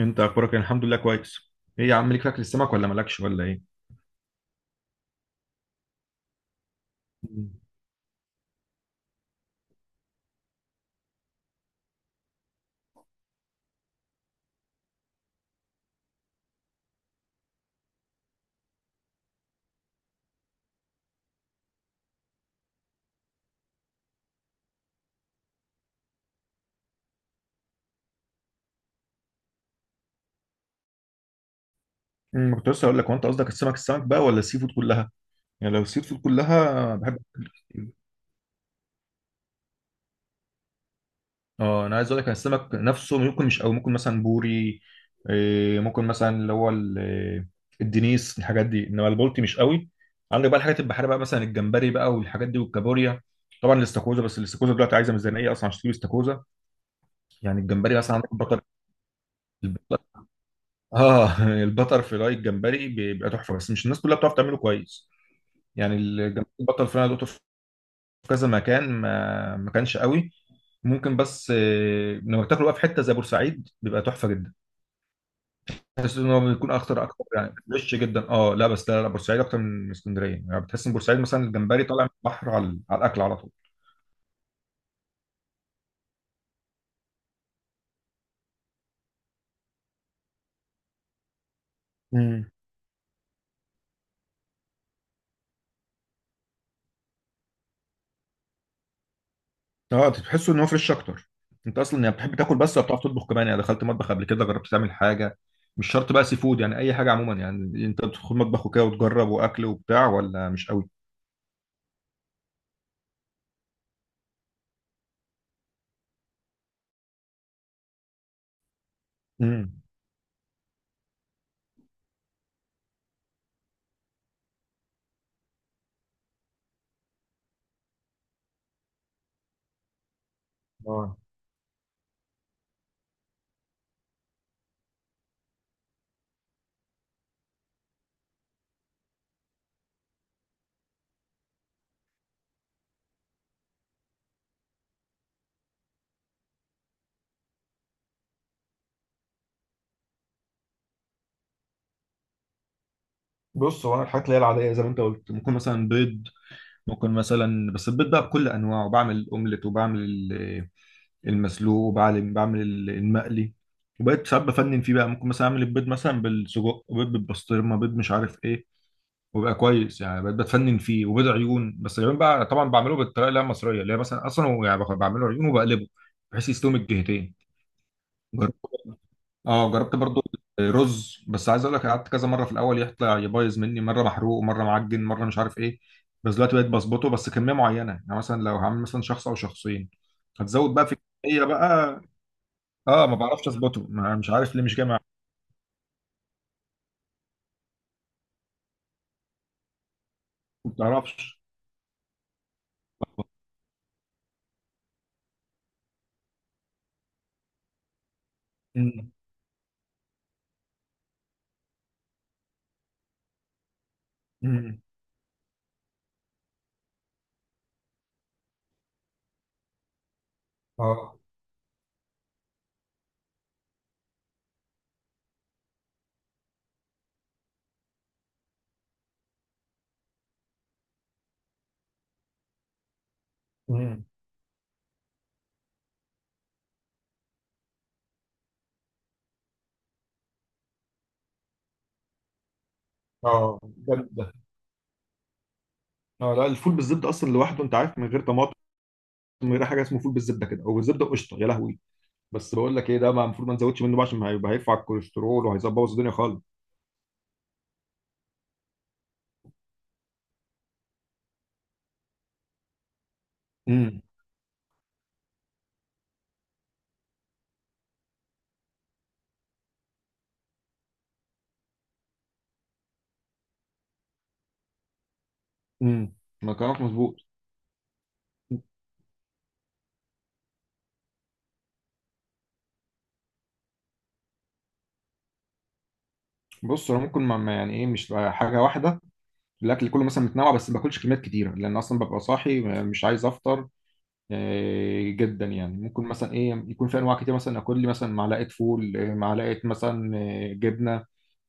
انت اخبارك إيه؟ الحمد لله، كويس. ايه يا عم، ليك في اكل السمك ولا مالكش ولا ايه؟ كنت لسه اقول لك، هو انت قصدك السمك السمك بقى ولا السي فود كلها؟ يعني لو السي فود كلها، بحب أكل كتير. اه، انا عايز اقول لك، أنا السمك نفسه ممكن مش قوي، ممكن مثلا بوري، إيه، ممكن مثلا اللي هو ال- إيه، الدنيس، الحاجات دي، انما البلطي مش قوي. عندك بقى الحاجات البحريه بقى، مثلا الجمبري بقى والحاجات دي، والكابوريا. طبعا الاستاكوزا، بس الاستاكوزا دلوقتي عايزه ميزانيه اصلا عشان تجيب استاكوزا. يعني الجمبري مثلا عندك بطل. اه البتر فلاي الجمبري بيبقى تحفه، بس مش الناس كلها بتعرف تعمله كويس. يعني الجمبري البتر فلاي دوته في كذا مكان، ما كانش قوي. ممكن، بس لما بتاكله بقى في حته زي بورسعيد بيبقى تحفه جدا. تحس ان هو بيكون اخطر اكتر، يعني فريش جدا. اه لا، بس لا، لا، بورسعيد اكتر من اسكندريه، يعني بتحس ان بورسعيد مثلا الجمبري طالع من البحر على الاكل على طول. مم. اه، تحس ان هو فريش اكتر. انت اصلا يعني بتحب تاكل بس ولا بتعرف تطبخ كمان؟ يعني دخلت مطبخ قبل كده، جربت تعمل حاجه؟ مش شرط بقى سي فود، يعني اي حاجه عموما، يعني انت بتدخل مطبخ وكده وتجرب واكل وبتاع ولا مش قوي؟ امم اه، بص هو انا الحاجات اللي هي العاديه زي ما انت قلت، ممكن مثلا بيض. ممكن مثلا، بس البيض بقى بكل انواعه، وبعمل اومليت، وبعمل المسلوق، وبعمل المقلي. وبقيت ساعات بفنن فيه بقى، ممكن مثلا اعمل البيض مثلا بالسجق، بيض بالبسطرمه، بيض مش عارف ايه، وبقى كويس. يعني بقيت بتفنن فيه. وبيض عيون بس، العيون بقى طبعا بعمله بالطريقه اللي هي المصريه، اللي هي مثلا اصلا هو يعني بعمله عيون وبقلبه بحيث يستوي من الجهتين. جربت؟ اه، جربت برضو رز. بس عايز اقول لك، قعدت كذا مره في الاول يطلع يبايظ مني، مره محروق ومره معجن، مره مش عارف ايه. بس دلوقتي بقيت بظبطه، بس كميه معينه، يعني مثلا لو هعمل مثلا شخص او شخصين. هتزود بقى في الكميه بقى. اه، ما بعرفش اظبطه، مش عارف ليه، مش جاي معايا. ما بعرفش. مم. مم. اه. امم اه، بجد؟ اه لا، الفول بالزبده اصلا لوحده، انت عارف، من غير طماطم، من غير حاجه، اسمه فول بالزبده كده، او بالزبده وقشطه، يا لهوي. بس بقول لك ايه؟ ده ما المفروض ما نزودش منه بقى، عشان هيبقى هيرفع الكوليسترول وهيظبط الدنيا خالص. امم امم ما كلامك مظبوط. بص، انا ممكن يعني ايه، مش حاجه واحده. الاكل كله مثلا متنوع، بس ما باكلش كميات كتيره لان اصلا ببقى صاحي، مش عايز افطر جدا. يعني ممكن مثلا ايه، يكون في انواع كتير مثلا، اكل لي مثلا معلقه فول، معلقه مثلا، جبنه،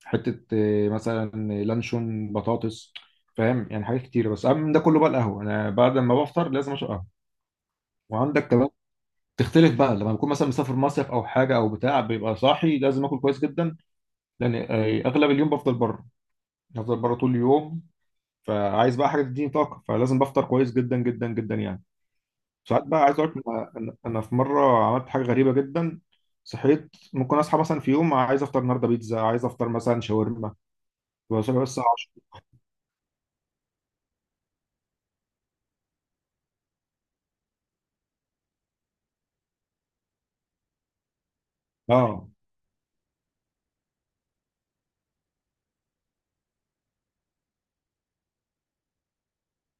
حته، مثلا لانشون، بطاطس، فاهم، يعني حاجات كتير. بس اهم من ده كله بقى القهوه، انا بعد ما بفطر لازم اشرب قهوه. وعندك كمان، تختلف بقى لما بكون مثلا مسافر مصيف او حاجه او بتاع، بيبقى صاحي، لازم اكل كويس جدا، لان اغلب اليوم بفضل بره، بفضل بره طول اليوم، فعايز بقى حاجه تديني طاقه، فلازم بفطر كويس جدا جدا جدا يعني. ساعات بقى عايز اقول لك، انا أنا أنا في مره عملت حاجه غريبه جدا. صحيت، ممكن اصحى مثلا في يوم عايز افطر النهارده بيتزا، عايز افطر مثلا شاورما، بصحى بس الساعه 10. اه،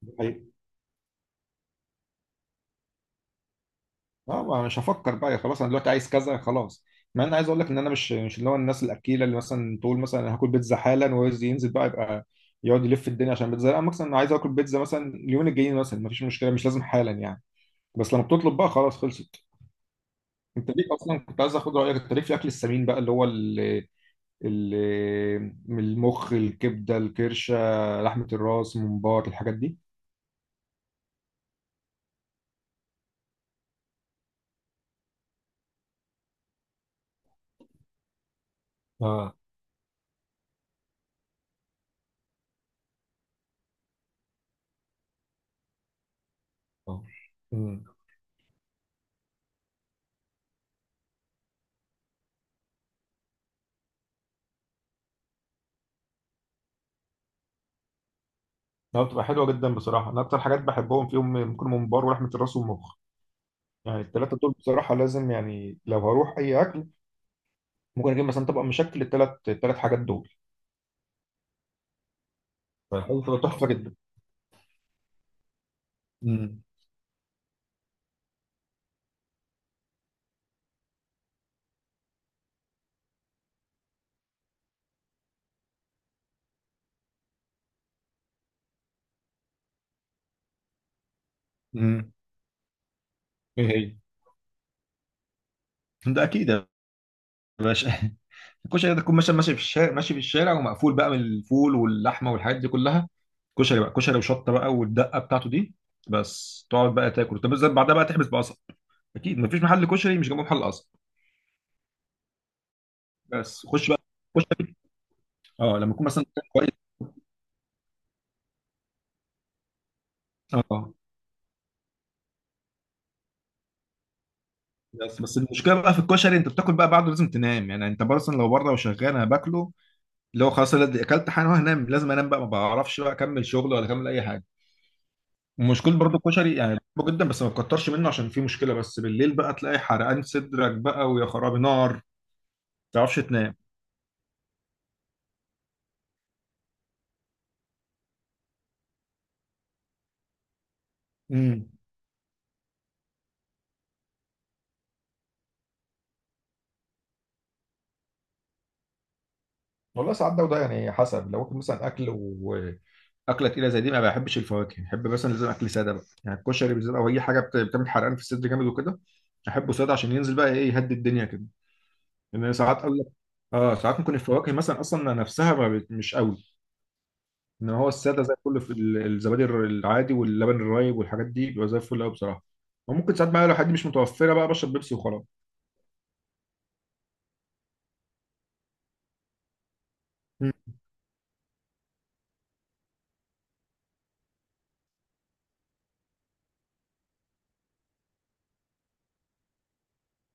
دي حقيقة. اه، ما مش هفكر بقى خلاص، انا دلوقتي عايز كذا خلاص. مع ان عايز اقول لك ان انا مش اللي هو الناس الاكيله اللي مثلا تقول مثلا، أنا هاكل بيتزا حالا وعايز ينزل بقى يبقى يقعد يلف الدنيا عشان بيتزا. لا، مثلا انا عايز اكل بيتزا مثلا اليومين الجايين، مثلا مفيش مشكله، مش لازم حالا يعني. بس لما بتطلب بقى خلاص، خلصت. انت ليك اصلا، كنت عايز اخد رايك، انت ليك في الاكل السمين بقى، اللي هو من المخ، الكبدة، الكرشة، لحمة الراس، الممبار، الحاجات دي. اه. اه. امم لا، بتبقى حلوه جدا بصراحه. انا اكتر حاجات بحبهم فيهم ممكن ممبار ولحمه الراس والمخ. يعني التلاتة دول بصراحة لازم، يعني لو هروح أي أكل ممكن أجيب مثلا طبق مشكل، التلات حاجات دول. طيب، بتبقى تحفة جدا. امم امم ايه هي؟ ده اكيد يا باشا. الكشري ده، تكون مثلا ماشي في الشارع، ماشي في الشارع ومقفول بقى من الفول واللحمه والحاجات دي كلها، كشري بقى، كشري وشطه بقى والدقه بتاعته دي. بس تقعد بقى تاكل، طب بس بعدها بقى تحبس بقصب. اكيد مفيش محل كشري مش جنبه محل قصب. بس خش بقى كشري. اه، لما يكون مثلا مكان كويس. اه، بس المشكله بقى في الكشري، انت بتاكل بقى بعده لازم تنام. يعني انت مثلا لو بره وشغال، انا باكله، اللي هو خلاص، أنا اكلت حاجه وهنام، لازم انام بقى، ما بعرفش بقى اكمل شغل ولا اكمل اي حاجه. مشكلة برضو الكشري، يعني بحبه جدا بس ما تكترش منه عشان فيه مشكلة، بس بالليل بقى تلاقي حرقان صدرك بقى، ويا خرابي نار، ما تعرفش تنام. امم والله، ساعات ده وده، يعني حسب، لو اكل مثلا اكل أكلة تقيلة زي دي، ما بحبش الفواكه، بحب مثلا لازم أكل سادة بقى، يعني الكشري بالذات أو أي حاجة بتعمل حرقان في الصدر جامد وكده، أحبه سادة عشان ينزل بقى إيه، يهدي الدنيا كده. لأن يعني ساعات أقول لك ساعات ممكن الفواكه مثلا أصلا نفسها ما بت- مش قوي. ان هو الساده زي الفل، في الزبادي العادي واللبن الرايب والحاجات دي بيبقى زي الفل قوي بصراحه. وممكن ساعات بقى لو حد مش متوفره بقى، بشرب بيبسي وخلاص. مم.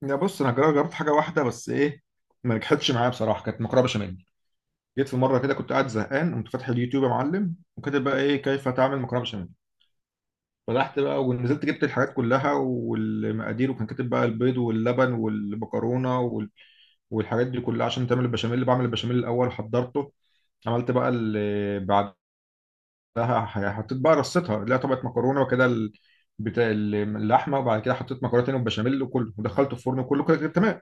يا بص، انا جربت حاجه واحده بس، ايه؟ ما نجحتش معايا بصراحه، كانت مكرونه بشاميل. جيت في مره كده كنت قاعد زهقان، قمت فاتح اليوتيوب يا معلم، وكاتب بقى ايه، كيف تعمل مكرونه بشاميل. فتحت بقى ونزلت جبت الحاجات كلها والمقادير، وكان كاتب بقى البيض واللبن والمكرونه والحاجات دي كلها عشان تعمل البشاميل. بعمل البشاميل الاول، حضرته، عملت بقى بعد، لا حطيت بقى رصتها، لا طبقة مكرونة وكده اللحمة. وبعد كده حطيت مكرونة تاني وبشاميل وكله، ودخلته الفرن وكله كده كده تمام.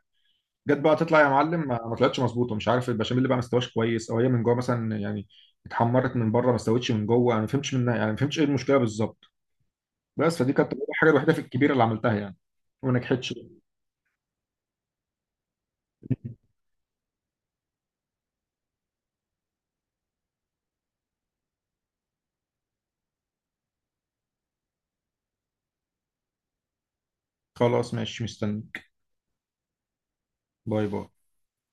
جت بقى تطلع يا معلم، ما طلعتش مظبوطة، مش عارف البشاميل بقى ما استواش كويس، او هي من جوه مثلا يعني، اتحمرت من بره ما استوتش من جوه. انا ما فهمتش منها، يعني ما فهمتش ايه المشكلة بالظبط. بس فدي كانت الحاجة الوحيدة في الكبيرة اللي عملتها يعني، وما نجحتش. خلاص ماشي، مستنيك. باي باي.